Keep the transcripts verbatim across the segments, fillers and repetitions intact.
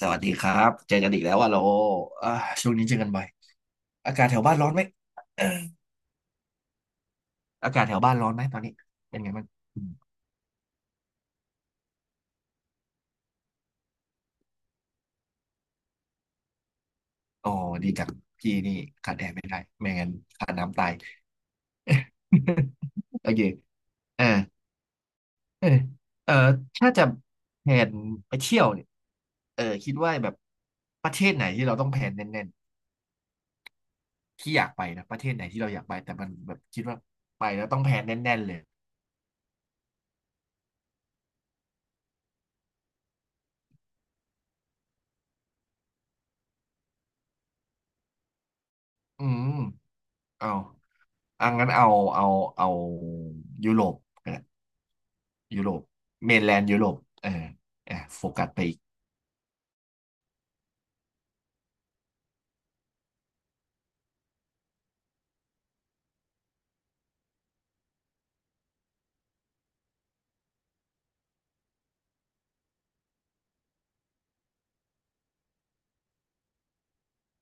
สวัสดีครับเจอกันอีกแล้วว่าโลอ่าช่วงนี้เจอกันบ่อยอากาศแถวบ้านร้อนไหมเอออากาศแถวบ้านร้อนไหมตอนนี้เป็นไงบ้างอืมโอ้ดีจังพี่นี่ขาดแอร์ไม่ได้ไม่งั้นขาดน้ำตาย โอเคเออเออเออถ้าจะแผนไปเที่ยวเนี่ยเออคิดว่าแบบประเทศไหนที่เราต้องแผนแน่นๆที่อยากไปนะประเทศไหนที่เราอยากไปแต่มันแบบคิดว่าไปแล้วต้องแผนแน่นๆเลยอืมเอาอังงั้นเอาเอาเอายุโรป ยุโรปเมนแลนด์ยุโรปเอออ่ะโฟกัสไปอีก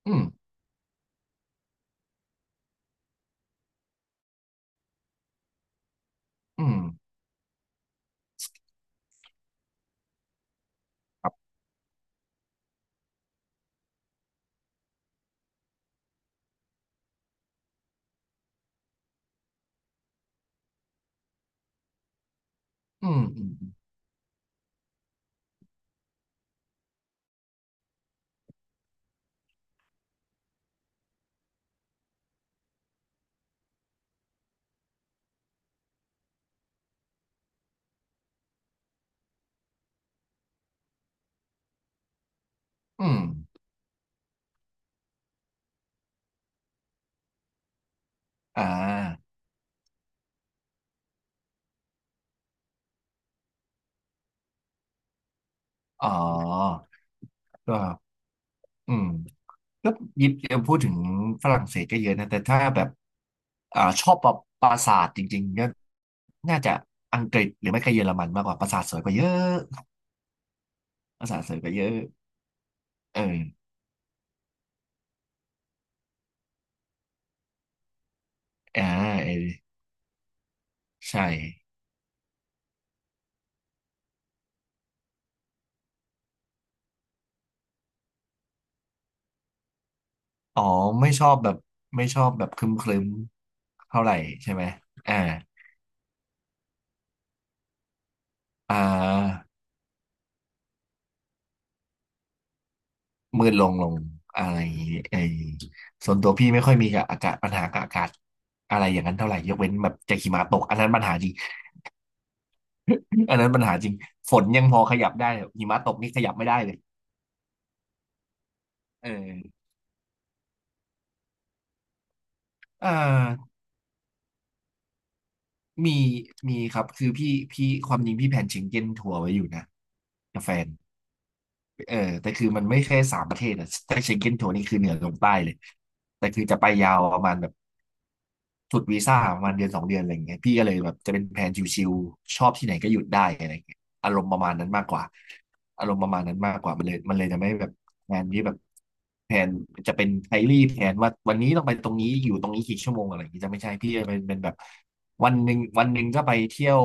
อืมอืมอืมอืมอืมอ่าอ๋อก็อืมก็ยิบพูดถึงฝรั่งเศสก็เยอะนะ แต่ถ้าแบบอ่าชอบประปราสาทจริงๆก็น่าจะอังกฤษหรือไม่ก็เยอรมันมากกว่าปราสาทสวยกว่าเยอะปราสาทสวยกว่าเยอะเอออ่าเออใช่ อ๋อ ไม่ชอบแบบไม่ชอบแบบครึมๆเท่าไหร่ใช่ไหมอ่าอ่า มืดลงลงอะไรไอ้ส่วนตัวพี่ไม่ค่อยมีกับอากาศปัญหากับอากาศอะไรอย่างนั้นเท่าไหร่ยกเว้นแบบจะหิมะตกอันนั้นปัญหาจริง อันนั้นปัญหาจริงฝนยังพอขยับได้หิมะตกนี่ขยับไม่ได้เลยเออเอ่ามีมีครับคือพี่พี่ความจริงพี่แผนเชงเก้นทัวร์ไว้อยู่นะกับแฟน เออแต่คือมันไม่ใช่สามประเทศอะแต่เชงเก้นโซนนี่คือเหนือลงใต้เลยแต่คือจะไปยาวประมาณแบบสุดวีซ่าประมาณเดือนสองเดือนอะไรอย่างเงี้ยพี่ก็เลยแบบจะเป็นแผนชิวๆชอบที่ไหนก็หยุดได้อะไรอย่างเงี้ยอารมณ์ประมาณนั้นมากกว่าอารมณ์ประมาณนั้นมากกว่ามันเลยมันเลยจะไม่แบบแผนที่แบบแผนจะเป็นไดลี่แผนว่าวันนี้ต้องไปตรงนี้อยู่ตรงนี้กี่ชั่วโมงอะไรอย่างเงี้ยจะไม่ใช่พี่จะเป็นเป็นแบบวันหนึ่งวันหนึ่งก็ไปเที่ยว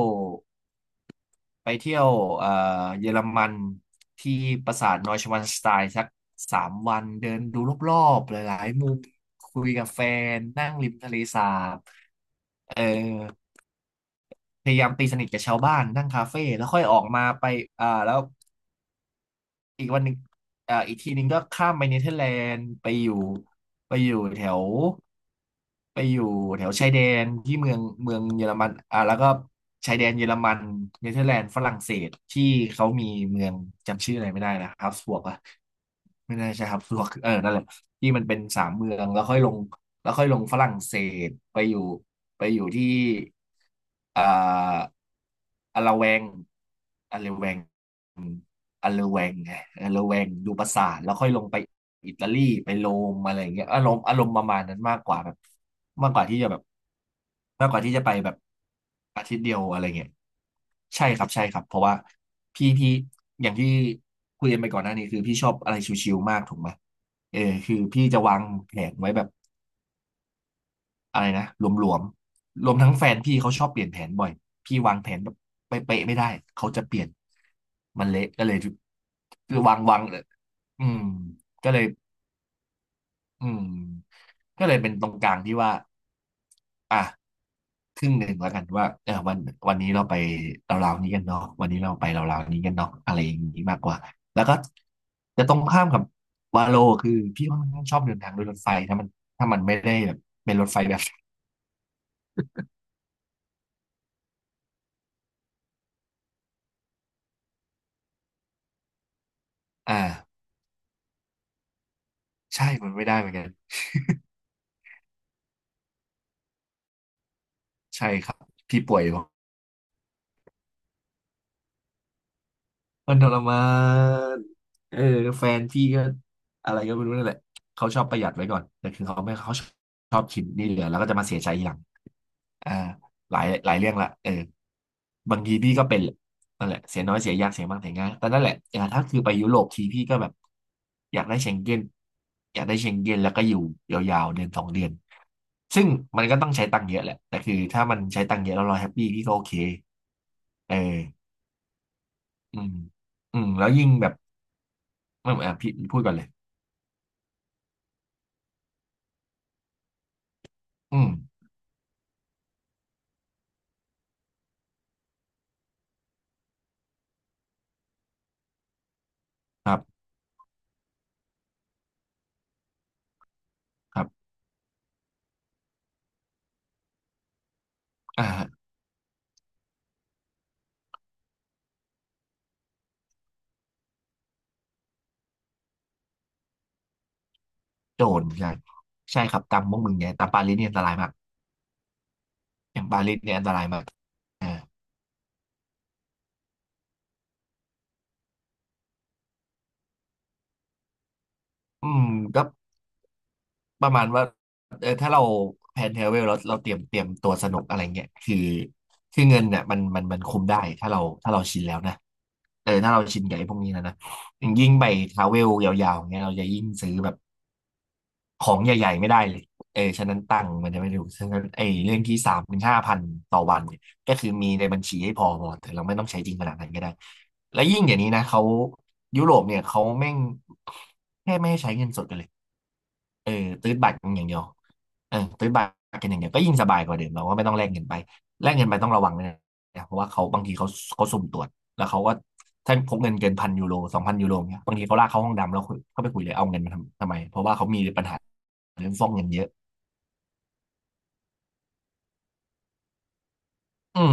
ไปเที่ยวเอ่อเยอรมันที่ปราสาทนอยชวานสไตน์สักสามวันเดินดูรอบๆหลายๆมุมคุยกับแฟนนั่งริมทะเลสาบเออพยายามตีสนิทกับชาวบ้านนั่งคาเฟ่แล้วค่อยออกมาไปอ่าแล้วอีกวันหนึ่งอ่าอีกทีหนึงก็ข้ามไปเนเธอร์แลนด์ไปอยู่ไปอยู่แถว ไปอยู่แถวชายแดนที่เมืองเมืองเยอรมันอ่าแล้วก็ชายแดนเยอรมันเนเธอร์แลนด์ฝรั่งเศสที่เขามีเมืองจำชื่ออะไรไม่ได้นะฮับสบวกอะไม่น่าใช่ฮับสบวกเออนั่นแหละที่มันเป็นสามเมืองแล้วค่อยลงแล้วค่อยลงฝรั่งเศสไปอยู่ไปอยู่ที่อ่าอะละแวงอะละแวง อันเลแวงไงอัลเลแวงดูปราสาทแล้วค่อยลงไปอิตาลีไปโรมอะไรอย่างเงี้ยอารมณ์อารมณ์ประมาณนั้นมากกว่าแบบมากกว่าที่จะแบบมากกว่าที่จะไปแบบอาทิตย์เดียวอะไรเงี้ยใช่ครับใช่ครับเพราะว่าพี่พี่อย่างที่คุยกันไปก่อนหน้านี้คือพี่ชอบอะไรชิวๆมากถูกไหมเออคือพี่จะวางแผนไว้แบบ อะไรนะรวมรวมรวมทั้งแฟนพี่เขาชอบเปลี่ยนแผนบ่อยพี่วางแผนแบบเป๊ะๆไม่ได้เขาจะเปลี่ยนมันเละก็เลยคือวางวางเอออืมก็เลยอืมก็เลยเป็นตรงกลางที่ว่าอ่ะครึ่งหนึ่งแล้วกันว่าเออวันวันนี้เราไปเราวๆนี้กันเนาะวันนี้เราไปเราวๆนี้กันเนาะอะไรอย่างนี้มากกว่าแล้วก็จะตรงข้ามกับวาโลคือพี่ค่อนข้างชอบเดินทางโดยรถไฟถ้ามันถ้ามันไม่ได้แบบเป็นรถไฟแบบอ่า ใช่ มันไม่ได้เหมือนกัน ใช่ครับ พี่ป่วยอยู่ มันทรมานเออแฟนพี่ก็อะไรก็ไม่รู้นั่นแหละเขาชอบประหยัดไว้ก่อนแต่คือเขาไม่เขาชอบกินนี่เหลือแล้วก็จะมาเสียใจทีหลังอ่าหลายหลายเรื่องละเออบางทีพี่ก็เป็นแหละนั่นแหละเสียน้อยเสียยากเสียมากเสียง่ายแต่นั่นแหละอ่าถ้าคือไปยุโรปทีพี่ก็แบบอยากได้เชงเก้นอยากได้เชงเก้นแล้วก็อยู่ยาวๆเดือนสองเดือนซึ่งมันก็ต้องใช้ตังค์เยอะแหละแต่คือถ้ามันใช้ตังค์เยอะแล้วเราแฮปปี้พี่ก็โอเคเออ อืมอืมแล้วยิ่งแบบอืมอ่ะพี่พูดก่อนเลยอืมครับครับอ่าโจรใช่ใช่ครับตามพวกมึงเนี่ยตามปารีสเนี่ยอันตรายมากอย่างปารีสเนี่ยอันตรายมากอ่าอืมก็ประมาณว่าเออถ้าเราแพลนเทรเวลแล้วเราเตรียมเตรียมตัวสนุกอะไรเงี้ยคือคือเงินเนี่ยมันมันมันคุมได้ถ้าเราถ้าเราชินแล้วนะเออถ้าเราชินกับไอ้พวกนี้นะนะยิ่งไปทราเวลยาวๆเงี้ยเราจะยิ่งซื้อแบบ ของใหญ่ๆไม่ได้เลยเออฉะนั้นตังค์มันจะไม่ถูกฉะนั้นไอ้เรื่องที่สามถึงห้าพันต่อวันเนี่ยก็คือมีในบัญชีให้พอพอแต่เราไม่ต้องใช้จริงขนาดนั้นก็ได้ และยิ่งเดี๋ยวนี้นะเขายุโรปเนี่ยเขาแม่งแค่ไม่ให้ใช้เงินสดกันเลยเออตื้ดบัตรกันอย่างเดียวเออตื้ดบัตรกันอย่างเดียวก็ยิ่งสบายกว่าเดิมเราก็ไม่ต้องแลกเงินไปแลกเงินไปต้องระวังด้วยนะเพราะว่าเขาบางทีเขาเขาสุ่มตรวจ แล้วเขาก็ถ้าพกเงินเกินพันยูโรสองพันยูโรเนี่ยบางทีเขาลากเข้าห้องดำแล้วเขาไปคุยเลยเอาเงินมาทำทำไมเพราะว่าเขามีปัญหาเรื่องฟอกเงินเยอะอืม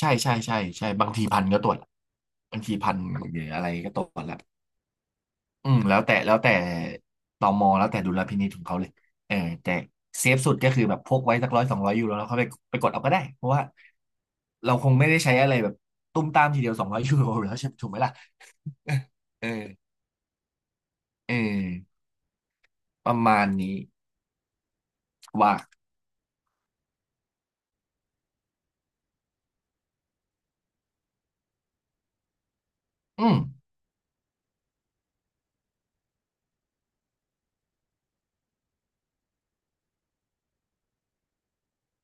ใช่ใช่ใช่ใช่บางทีพันก็ตรวจบางทีพันหรืออะไรก็ตรวจแล้วอืมแล้วแต่แล้วแต่ตมแล้วแต่ดุลพินิจของเขาเลยเออแต่เซฟสุดก็คือแบบพกไว้สักร้อยสองร้อยยูโรแล้วเขาไปไปกดเอาก็ได้เพราะว่าเราคงไม่ได้ใช้อะไรแบบตุ้มตามทีเดียวสองร้อยยูโรแล้วใช่ถูกไหมล่ะเออเออประมาณนี้ว่าอืม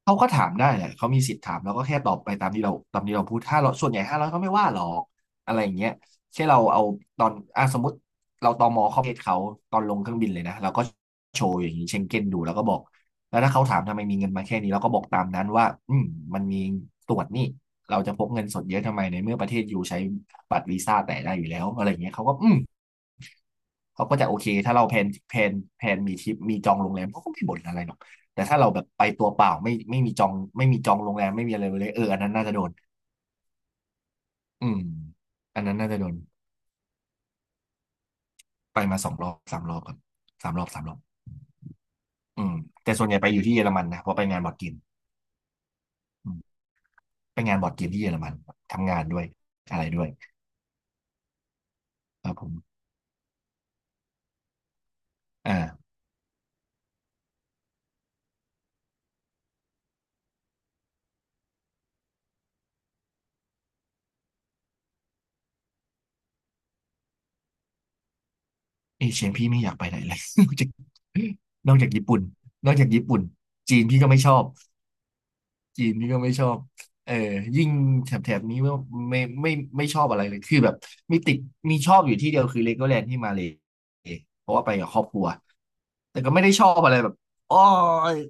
เขาก็ถามได้แหละเขามีสิทธิ์ถามแลรวก็แค่ตอบไปตามที่เราตามที่เราพูดถ้าเราส่วนใหญ่ห้าร้อยเขาไม่ว่าหรอกอะไรอย่างเงี้ยแค่เราเอาตอนอ่ะสมมติเราตมเข้าประเทศเขาตอนลงเครื่องบินเลยนะเราก็โชว์อย่างนี้เชงเก้นดูแล้วก็บอกแล้วถ้าเขาถามทำไมมีเงินมาแค่นี้เราก็บอกตามนั้นว่าอืมมันมีตรวจนี่เราจะพกเงินสดเยอะทำไมในเมื่อประเทศอยู่ใช้บัตรวีซ่าแต่ได้อยู่แล้วอะไรอย่างเงี้ยเขาก็อืม เขาก็จะโอเคถ้าเราแพลนแพลนแพลนมีทริปมีจองโรงแรมเขาก็ไม่บ่นอะไรหรอกแต่ถ้าเราแบบไปตัวเปล่าไม่ไม่มีจองไม่มีจองโรงแรมไม่มีอะไรเลยเอออันนั้นน่าจะโดนอืมอันนั้นน่าจะโดนไปมาสองรอบสามรอบครับสามรอบสามรอบอืมแต่ส่วนใหญ่ไปอยู่ที่เยอรมันนะเพราะไปงานบอร์ดเกมอืมไปงานบอร์ดเกมที่เยอรมันทำงานด้วยอะไรด้วยครับผมอ่าเอเชียพี่ไม่อยากไปไหนเลย นอกจากนอกจากญี่ปุ่นนอกจากญี่ปุ่นจีนพี่ก็ไม่ชอบ จีนนี่ก็ไม่ชอบเออยิ่งแถบแถบนี้ไม่ไม่ไม่ไม่ชอบอะไรเลยคือแบบมีติดมีชอบอยู่ที่เดียวคือเลโกแลนด์ที่มาเลยเพราะว่าไปกับครอบครัวแต่ก็ไม่ได้ชอบอะไรแบบอ๋อ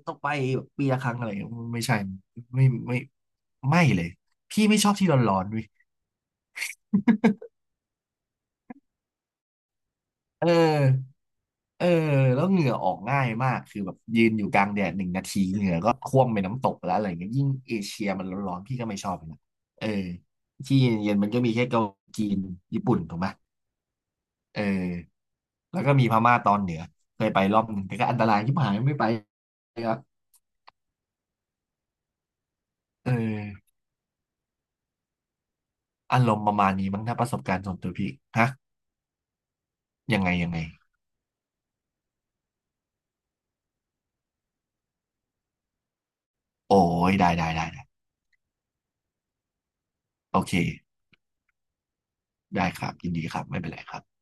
ต้องไปแบบปีละครั้งอะไรไม่ใช่ไม่ไม่ไม่เลยพี่ไม่ชอบที่ร้อนๆเว้ย เออเออแล้วเหงื่อออกง่ายมากคือแบบยืนอยู่กลางแดดหนึ่งนาทีเหงื่อก็ท่วมไปน้ำตกแล้วอะไรเงี้ยยิ่งเอเชียมันร้อนๆพี่ก็ไม่ชอบเลยนะเออที่เย็นๆมันก็มีแค่เกาหลีจีนญี่ปุ่นถูกไหมเออแล้วก็มีพม่าตอนเหนือเคยไปรอบหนึ่งแต่ก็อันตรายที่หายไม่ไปครับเอออารมณ์ประมาณนี้มั้งถ้าประสบการณ์ส่วนตัวพี่ฮะยังไงยังไงโอ้ยได้ได้ได้ได้โอเคได้ครับยินดีครับไม่เป็นไรครับ